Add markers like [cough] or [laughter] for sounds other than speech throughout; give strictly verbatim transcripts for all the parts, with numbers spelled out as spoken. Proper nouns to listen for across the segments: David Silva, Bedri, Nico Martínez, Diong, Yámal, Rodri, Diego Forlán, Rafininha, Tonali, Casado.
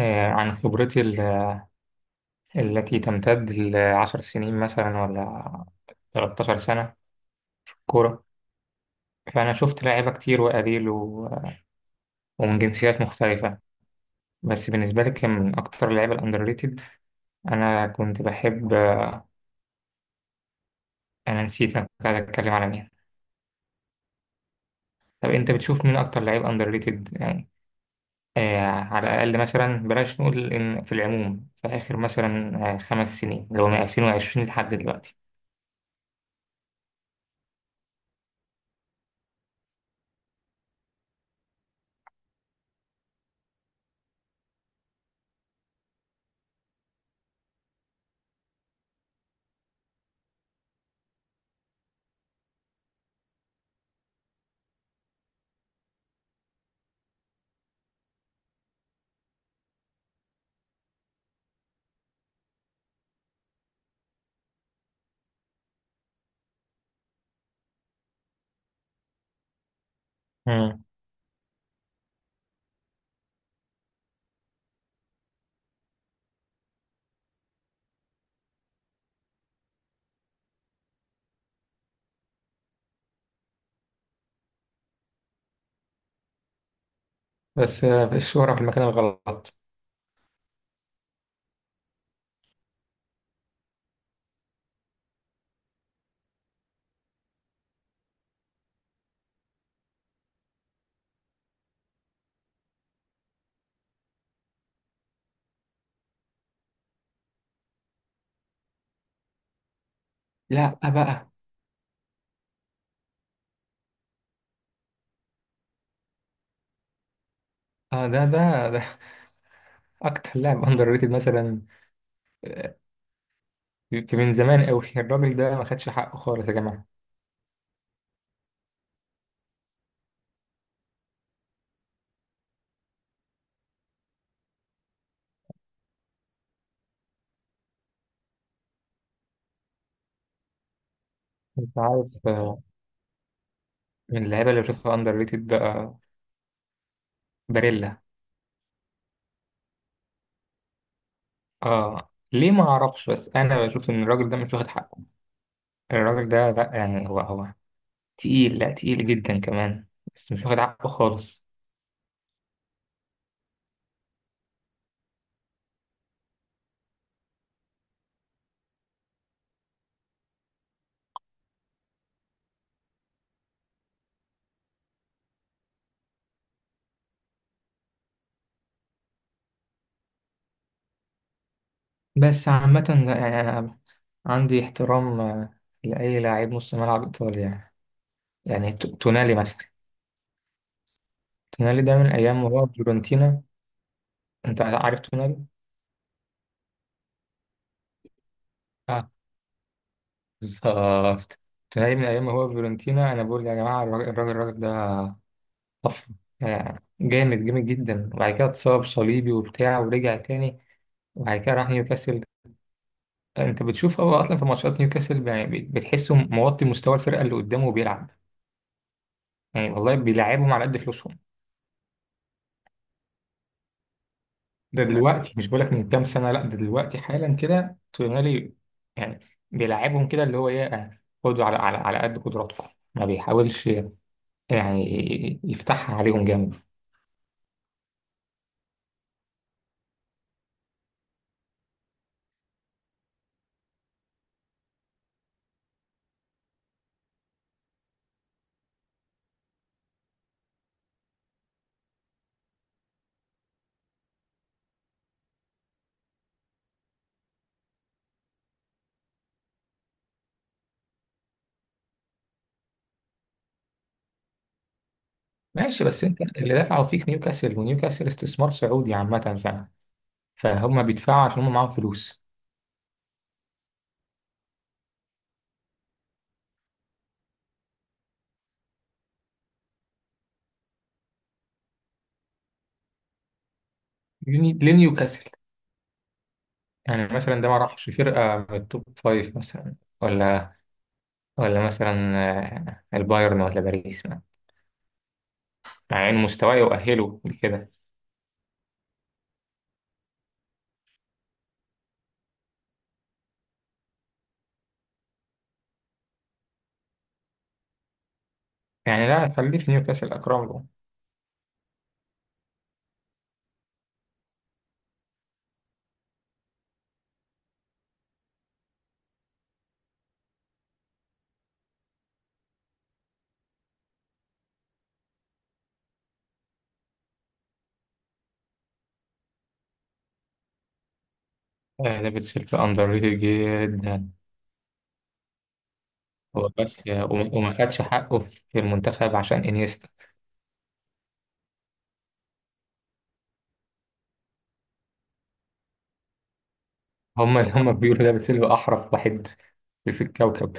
آه، عن خبرتي ال- التي تمتد لعشر سنين مثلا ولا تلتاشر سنة كورة. فأنا شفت لعيبة كتير وقليل و- ومن جنسيات مختلفة. بس بالنسبة لي كان من أكتر اللعيبة الأندر ريتد. أنا كنت بحب أنا نسيت أنا كنت عايز أتكلم على مين. طب أنت بتشوف مين أكتر لعيب أندر ريتد يعني؟ آه، على الأقل مثلا بلاش نقول، إن في العموم في آخر مثلا آه خمس سنين، اللي هو من ألفين وعشرين لحد دلوقتي. مم. بس آه، الشهرة في المكان الغلط. لا بقى. اه، ده ده ده اكتر لاعب [laughs] اندر ريتد مثلا. آه، من زمان قوي الراجل ده ما خدش حقه خالص يا جماعه. انت عارف، آه، من اللعيبه اللي بشوفها اندر ريتد بقى، باريلا. اه، ليه؟ ما اعرفش، بس انا بشوف ان الراجل ده مش واخد حقه. الراجل ده، لا يعني، هو هو تقيل، لا تقيل جدا كمان. بس مش واخد حقه خالص. بس عامه لا، يعني انا عندي احترام، آه، لاي لاعب نص ملعب ايطالي يعني. يعني تو- تونالي مثلا. تونالي ده من ايام ما هو فيورنتينا. انت عارف تونالي؟ آه، بالظبط. تلاقي من أيام ما هو في فيورنتينا، أنا بقول يا جماعة، الراجل الراجل الراجل ده طفرة. يعني جامد جامد جدا، وبعد كده اتصاب صليبي وبتاع، ورجع تاني، وبعد كده راح نيوكاسل. أنت بتشوف هو أصلا في ماتشات نيوكاسل، يعني بت- بتحسه موطي مستوى الفرقة اللي قدامه وبيلعب. يعني والله بيلعبهم على قد فلوسهم. ده دلوقتي، مش بقولك من كام سنة، لا ده دلوقتي حالا كده تونالي. يعني بيلعبهم كده اللي هو إيه، يعني خدوا على على على قد قدراتكم. ما بيحاولش يعني يفتحها عليهم جامد. ماشي، بس انت اللي دافعوا فيك نيوكاسل، ونيوكاسل استثمار سعودي عامة فعلا، فهم بيدفعوا عشان هم معاهم فلوس. يوني- لنيوكاسل. يعني مثلا ده ما راحش فرقة من التوب فايف مثلا، ولا ولا مثلا، آه، البايرن، ولا باريس ما. مع ان مستواه يؤهله لكده. يعني لا، خليه في نيوكاسل اكرم له. آه، دافيد سيلفا اندر ريتد جدا. هو بس، آه، وما وما خدش حقه في المنتخب عشان انيستا. هم اللي هم بيقولوا دافيد سيلفا احرف واحد في الكوكب.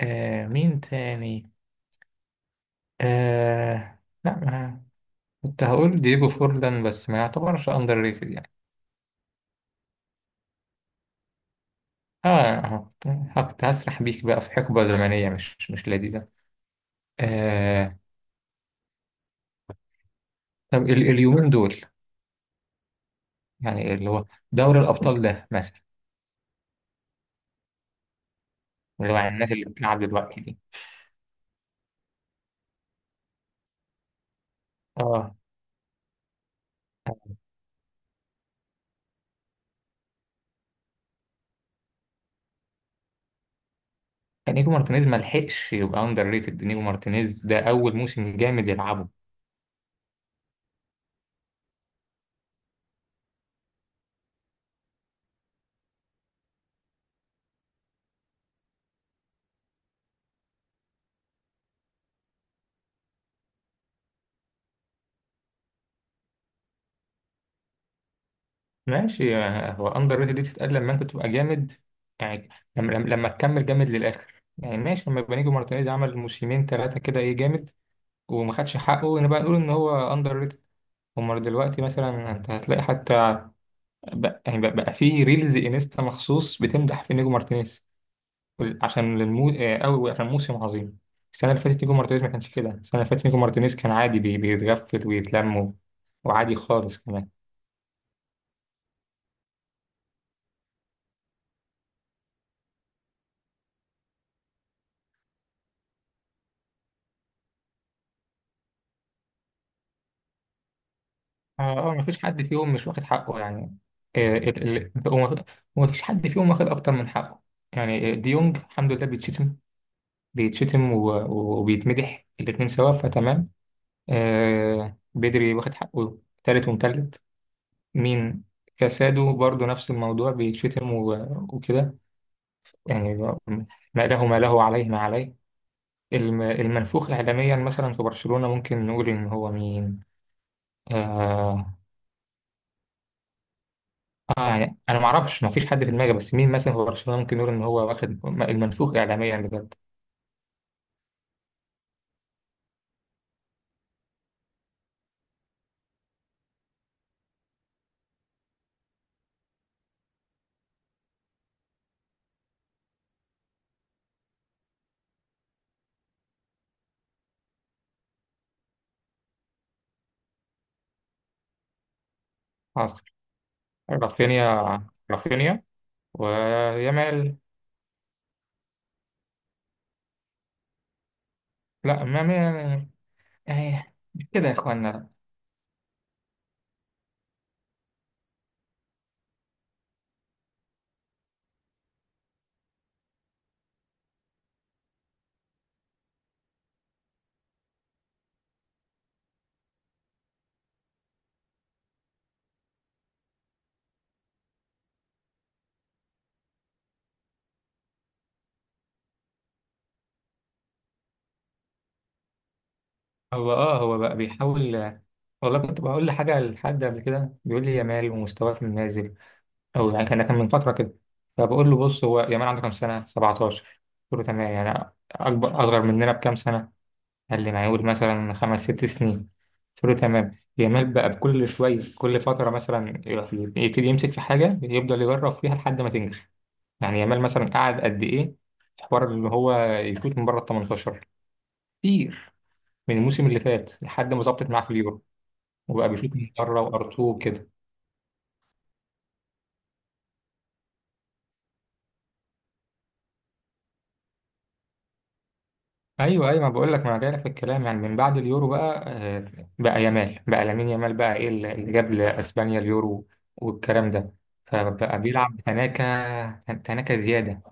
آه، مين تاني؟ آه، لا، ما كنت هقول دييجو فورلان بس ما يعتبرش اندر ريتد يعني. اه، آه، كنت كنت هسرح بيك بقى في حقبة زمنية مش مش لذيذة. آه، طب ال- اليومين دول، يعني اللي هو دوري الأبطال ده مثلا، اللي هو يعني الناس اللي بتلعب دلوقتي دي. اه، آه، نيجو مارتينيز ما لحقش يبقى اندر ريتد. نيجو مارتينيز ده أول موسم جامد يلعبه. ماشي، يعني هو اندر ريتد دي بتتقال لما انت تبقى جامد، يعني لما لما لما تكمل جامد للاخر. يعني ماشي، لما بنيجو مارتينيز عمل موسمين ثلاثه كده، ايه جامد وما خدش حقه، نبقى نقول ان هو اندر ريتد. امال دلوقتي مثلا انت هتلاقي حتى بقى، يعني بقى بقى في ريلز انستا مخصوص بتمدح في نيجو مارتينيز. وال- عشان المو... او عشان موسم عظيم. السنه اللي فاتت نيجو مارتينيز ما كانش كده. السنه اللي فاتت نيجو مارتينيز كان عادي، بي- بيتغفل ويتلم و- وعادي خالص كمان. اه، اه، ما فيش حد فيهم مش واخد حقه يعني. آه، ال- ال- وما وما فيش حد فيهم واخد اكتر من حقه. يعني آه، ديونج الحمد لله بيتشتم بيتشتم و- و- وبيتمدح الاتنين سوا، فتمام. آه، بدري واخد حقه، تالت ومتلت. مين؟ كاسادو برضو نفس الموضوع، بيتشتم و- وكده يعني. ما له ما له عليه ما عليه. الم- المنفوخ إعلاميا مثلا في برشلونة، ممكن نقول إن هو مين؟ آه، اه يعني انا ما اعرفش، ما فيش حد في دماغي، بس مين مثلا في برشلونه ممكن نقول ان هو واخد المنفوخ اعلاميا بجد؟ حاصل، رافينيا رافينيا ويامال. لا، ما ما- يعني مش كده يا اخوانا. هو اه، هو بقى بيحاول. والله كنت بقول لحاجه، لحد قبل كده بيقول لي يامال ومستواه في النازل، او يعني كان كان من فتره كده. فبقول له بص، هو يامال عنده كام سنه؟ سبعتاشر. قلت له تمام، يعني اكبر اصغر مننا بكام سنه. قال لي معقول مثلا خمس ست سنين. قلت له تمام، جمال بقى بكل شوية، كل فترة مثلا يروح يبتدي يمسك في حاجة يفضل يجرب فيها لحد ما تنجح. يعني جمال مثلا قعد قد إيه في حوار اللي هو يشوط من بره ال تمنتاشر كتير، من الموسم اللي فات لحد ما ظبطت معاه في اليورو. وبقى بيشوط من بره وأرتو كده. ايوه ايوه ما بقول لك، ما انا جاي لك في الكلام، يعني من بعد اليورو بقى آه، بقى يامال، بقى لامين يامال، بقى ايه اللي اللي جاب لاسبانيا اليورو والكلام ده. فبقى بيلعب بتناكة، تناكة زياده.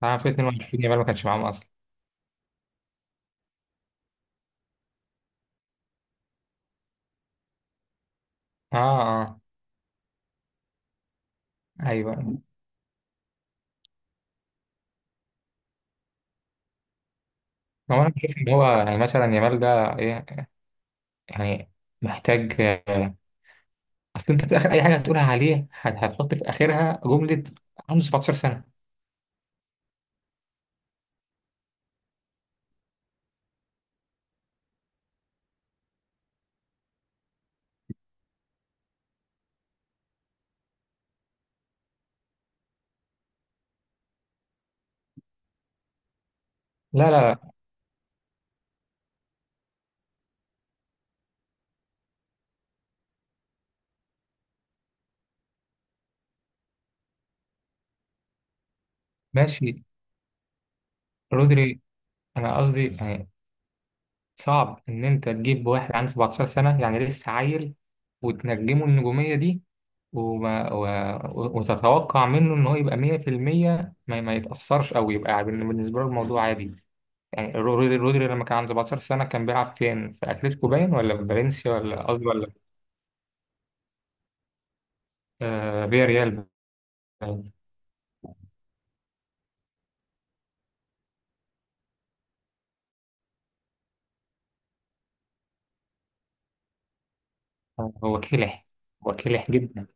طبعا في اتنين وعشرين يامال ما كانش معاهم اصلا. اه، اه، ايوه. هو انا بشوف ان هو يعني مثلا يامال ده ايه يعني، محتاج، آه، اصل انت في اخر اي حاجه هتقولها عليه هت- هتحط في اخرها جمله، عنده سبعتاشر سنه. لا لا ماشي رودري. انا قصدي يعني، صعب إن أنت تجيب واحد عنده سبعتاشر سنة، يعني لسه عيل، وتنجمه النجومية دي، وما و... و- وتتوقع منه إن هو يبقى مية في المية ما... ما يتأثرش أو يبقى عادي. بالنسبة له الموضوع عادي. يعني رودري رودري لما كان عنده سبعتاشر سنة كان بيلعب فين؟ في أتلتيكو باين، ولا في فالنسيا، ولا قصدي ولا، آه، فياريال هو كلح، هو كلح جدا.